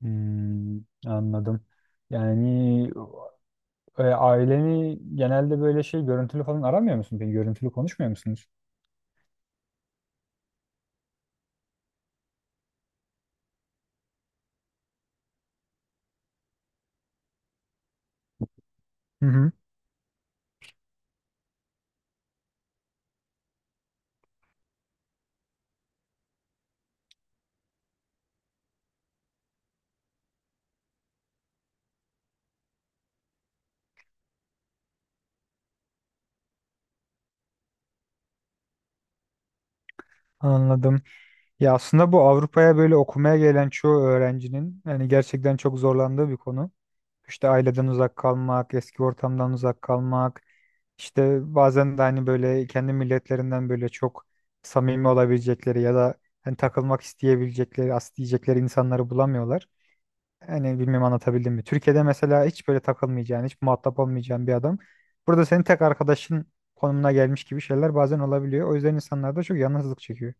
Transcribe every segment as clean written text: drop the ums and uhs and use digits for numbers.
Hmm, anladım. Yani aileni genelde böyle şey görüntülü falan aramıyor musun? Peki görüntülü konuşmuyor musunuz? Hı hı, anladım. Ya aslında bu Avrupa'ya böyle okumaya gelen çoğu öğrencinin yani gerçekten çok zorlandığı bir konu. İşte aileden uzak kalmak, eski ortamdan uzak kalmak, işte bazen de hani böyle kendi milletlerinden böyle çok samimi olabilecekleri ya da hani takılmak isteyebilecekleri, as diyecekleri insanları bulamıyorlar. Yani bilmem anlatabildim mi? Türkiye'de mesela hiç böyle takılmayacağın, hiç muhatap olmayacağın bir adam. Burada senin tek arkadaşın konumuna gelmiş gibi şeyler bazen olabiliyor. O yüzden insanlar da çok yalnızlık çekiyor.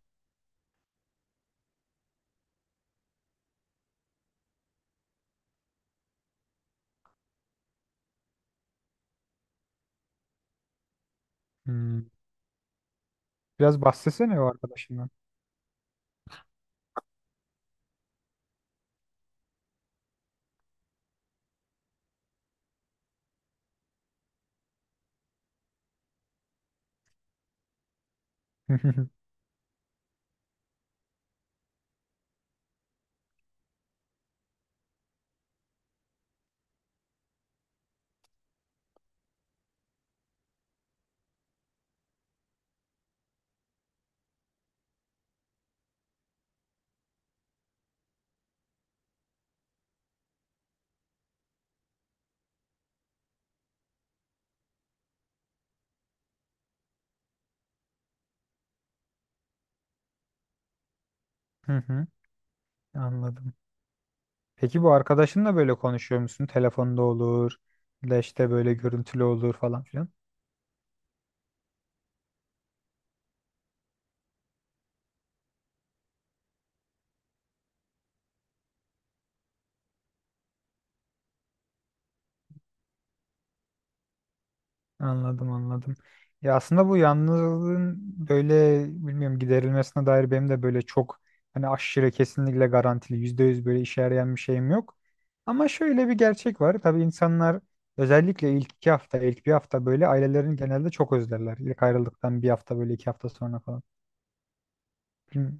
Hmm. Biraz bahsetsene o arkadaşından. Hı hı, hı hı, anladım. Peki bu arkadaşınla böyle konuşuyor musun? Telefonda olur, ya da işte böyle görüntülü olur falan filan. Anladım, anladım. Ya aslında bu yalnızlığın böyle bilmiyorum giderilmesine dair benim de böyle çok hani aşırı kesinlikle garantili yüzde yüz böyle işe yarayan bir şeyim yok. Ama şöyle bir gerçek var. Tabii insanlar özellikle ilk 2 hafta ilk bir hafta böyle ailelerini genelde çok özlerler. İlk ayrıldıktan bir hafta böyle 2 hafta sonra falan. Hmm,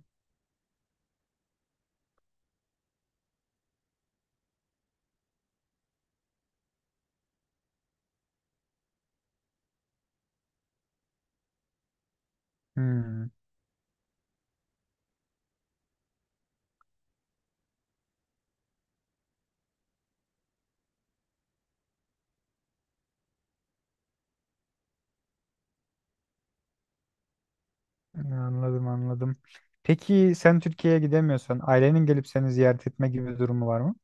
hmm. Anladım, anladım. Peki sen Türkiye'ye gidemiyorsan ailenin gelip seni ziyaret etme gibi bir durumu var mı?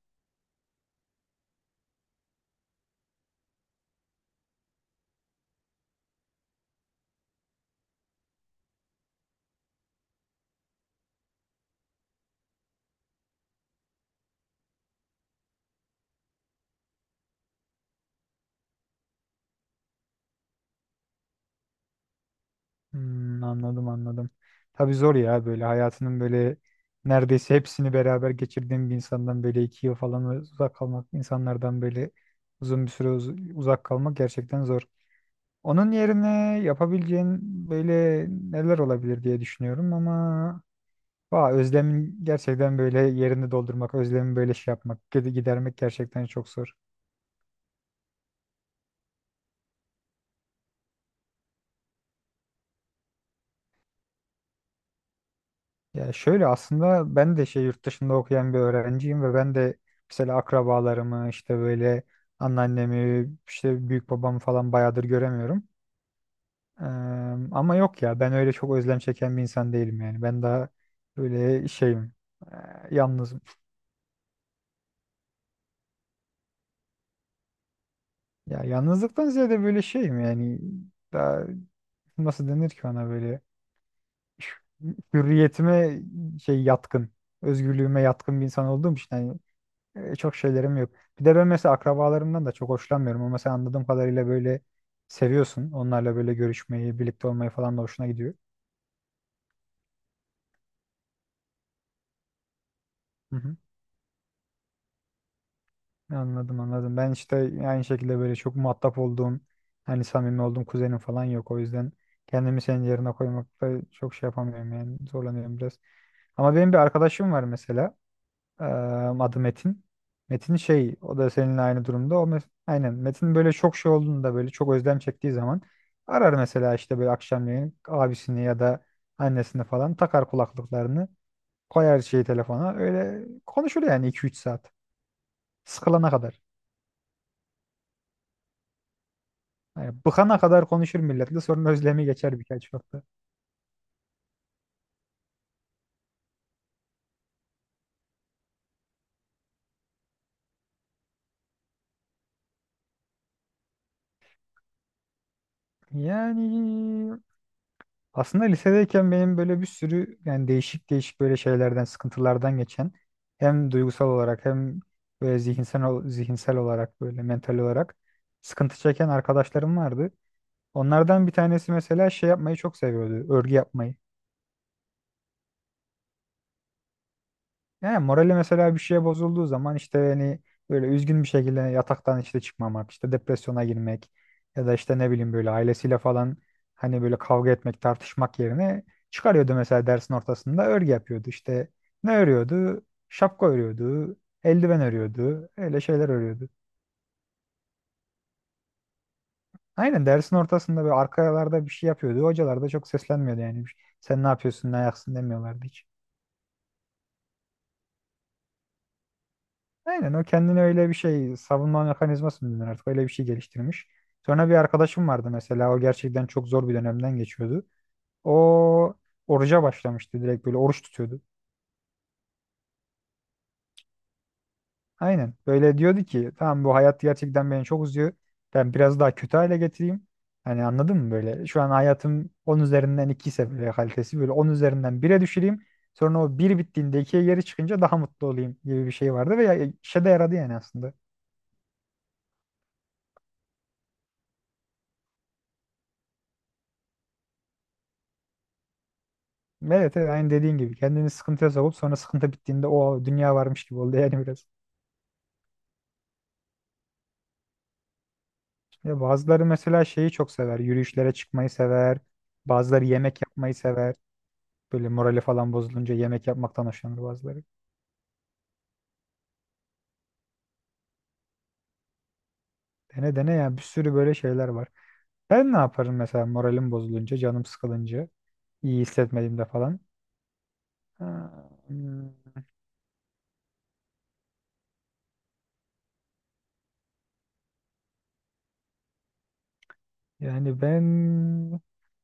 Hmm, anladım anladım. Tabii zor ya, böyle hayatının böyle neredeyse hepsini beraber geçirdiğim bir insandan böyle 2 yıl falan uzak kalmak, insanlardan böyle uzun bir süre uzak kalmak gerçekten zor. Onun yerine yapabileceğin böyle neler olabilir diye düşünüyorum ama özlemin gerçekten böyle yerini doldurmak, özlemi böyle şey yapmak, gidermek gerçekten çok zor. Ya şöyle aslında ben de şey yurt dışında okuyan bir öğrenciyim ve ben de mesela akrabalarımı işte böyle anneannemi işte büyük babamı falan bayağıdır göremiyorum. Eee, ama yok ya ben öyle çok özlem çeken bir insan değilim yani. Ben daha böyle şeyim eee, yalnızım. Ya yalnızlıktan ziyade böyle şeyim yani daha nasıl denir ki ona böyle hürriyetime şey yatkın özgürlüğüme yatkın bir insan olduğum için hani çok şeylerim yok. Bir de ben mesela akrabalarımdan da çok hoşlanmıyorum ama sen anladığım kadarıyla böyle seviyorsun. Onlarla böyle görüşmeyi, birlikte olmayı falan da hoşuna gidiyor. Hı hı. Anladım, anladım. Ben işte aynı şekilde böyle çok muhatap olduğum, hani samimi olduğum kuzenim falan yok. O yüzden kendimi senin yerine koymakta çok şey yapamıyorum yani zorlanıyorum biraz. Ama benim bir arkadaşım var mesela. Ee, adı Metin. Metin şey o da seninle aynı durumda. Aynen Metin böyle çok şey olduğunda böyle çok özlem çektiği zaman arar mesela işte böyle akşamleyin abisini ya da annesini falan, takar kulaklıklarını, koyar şeyi telefona, öyle konuşur yani 2-3 saat sıkılana kadar. Yani bıkana kadar konuşur milletle, sonra özlemi geçer birkaç hafta. Yani aslında lisedeyken benim böyle bir sürü yani değişik değişik böyle şeylerden, sıkıntılardan geçen hem duygusal olarak hem böyle zihinsel zihinsel olarak böyle mental olarak sıkıntı çeken arkadaşlarım vardı. Onlardan bir tanesi mesela şey yapmayı çok seviyordu, örgü yapmayı. Yani morali mesela bir şeye bozulduğu zaman işte hani böyle üzgün bir şekilde yataktan işte çıkmamak, işte depresyona girmek ya da işte ne bileyim böyle ailesiyle falan hani böyle kavga etmek, tartışmak yerine çıkarıyordu mesela dersin ortasında örgü yapıyordu. İşte ne örüyordu? Şapka örüyordu, eldiven örüyordu, öyle şeyler örüyordu. Aynen dersin ortasında böyle arkalarda bir şey yapıyordu. Hocalar da çok seslenmiyordu yani. Sen ne yapıyorsun, ne ayaksın demiyorlardı hiç. Aynen o kendine öyle bir şey savunma mekanizması mı denir artık öyle bir şey geliştirmiş. Sonra bir arkadaşım vardı mesela, o gerçekten çok zor bir dönemden geçiyordu. O oruca başlamıştı, direkt böyle oruç tutuyordu. Aynen böyle diyordu ki tamam bu hayat gerçekten beni çok uzuyor. Ben biraz daha kötü hale getireyim. Hani anladın mı böyle şu an hayatım 10 üzerinden 2 ise böyle kalitesi böyle 10 üzerinden 1'e düşüreyim. Sonra o bir bittiğinde ikiye geri çıkınca daha mutlu olayım gibi bir şey vardı ve işe de yaradı yani aslında. Evet, evet aynı dediğin gibi kendini sıkıntıya sokup sonra sıkıntı bittiğinde o dünya varmış gibi oldu yani biraz. Ya bazıları mesela şeyi çok sever. Yürüyüşlere çıkmayı sever. Bazıları yemek yapmayı sever. Böyle morali falan bozulunca yemek yapmaktan hoşlanır bazıları. Dene dene ya, bir sürü böyle şeyler var. Ben ne yaparım mesela moralim bozulunca, canım sıkılınca, iyi hissetmediğimde falan. Ha, hmm, Yani ben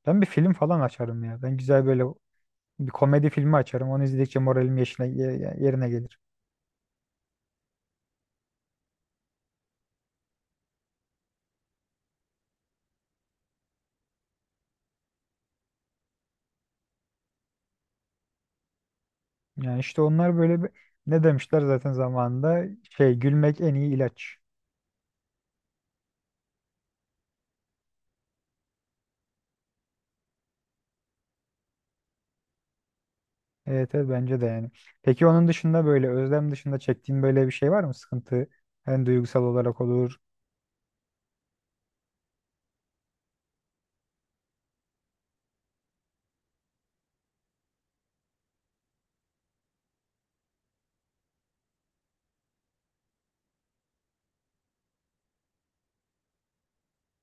ben bir film falan açarım ya. Ben güzel böyle bir komedi filmi açarım. Onu izledikçe moralim yerine gelir. Yani işte onlar böyle bir, ne demişler zaten zamanında şey gülmek en iyi ilaç. Evet, evet bence de yani. Peki onun dışında böyle özlem dışında çektiğin böyle bir şey var mı? Sıkıntı yani duygusal olarak olur.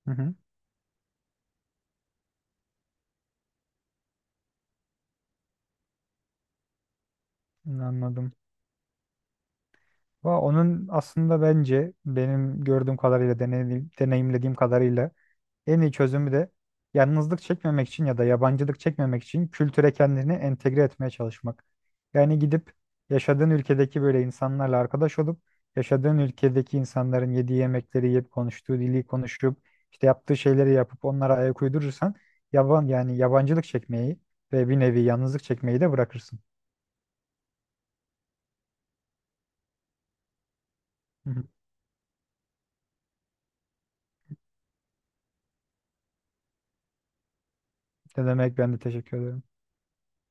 Hı hı, anladım. Onun aslında bence benim gördüğüm kadarıyla deneyimlediğim kadarıyla en iyi çözümü de yalnızlık çekmemek için ya da yabancılık çekmemek için kültüre kendini entegre etmeye çalışmak. Yani gidip yaşadığın ülkedeki böyle insanlarla arkadaş olup yaşadığın ülkedeki insanların yediği yemekleri yiyip konuştuğu dili konuşup işte yaptığı şeyleri yapıp onlara ayak uydurursan yaban yani yabancılık çekmeyi ve bir nevi yalnızlık çekmeyi de bırakırsın. Hı hı. Ne demek, ben de teşekkür ederim.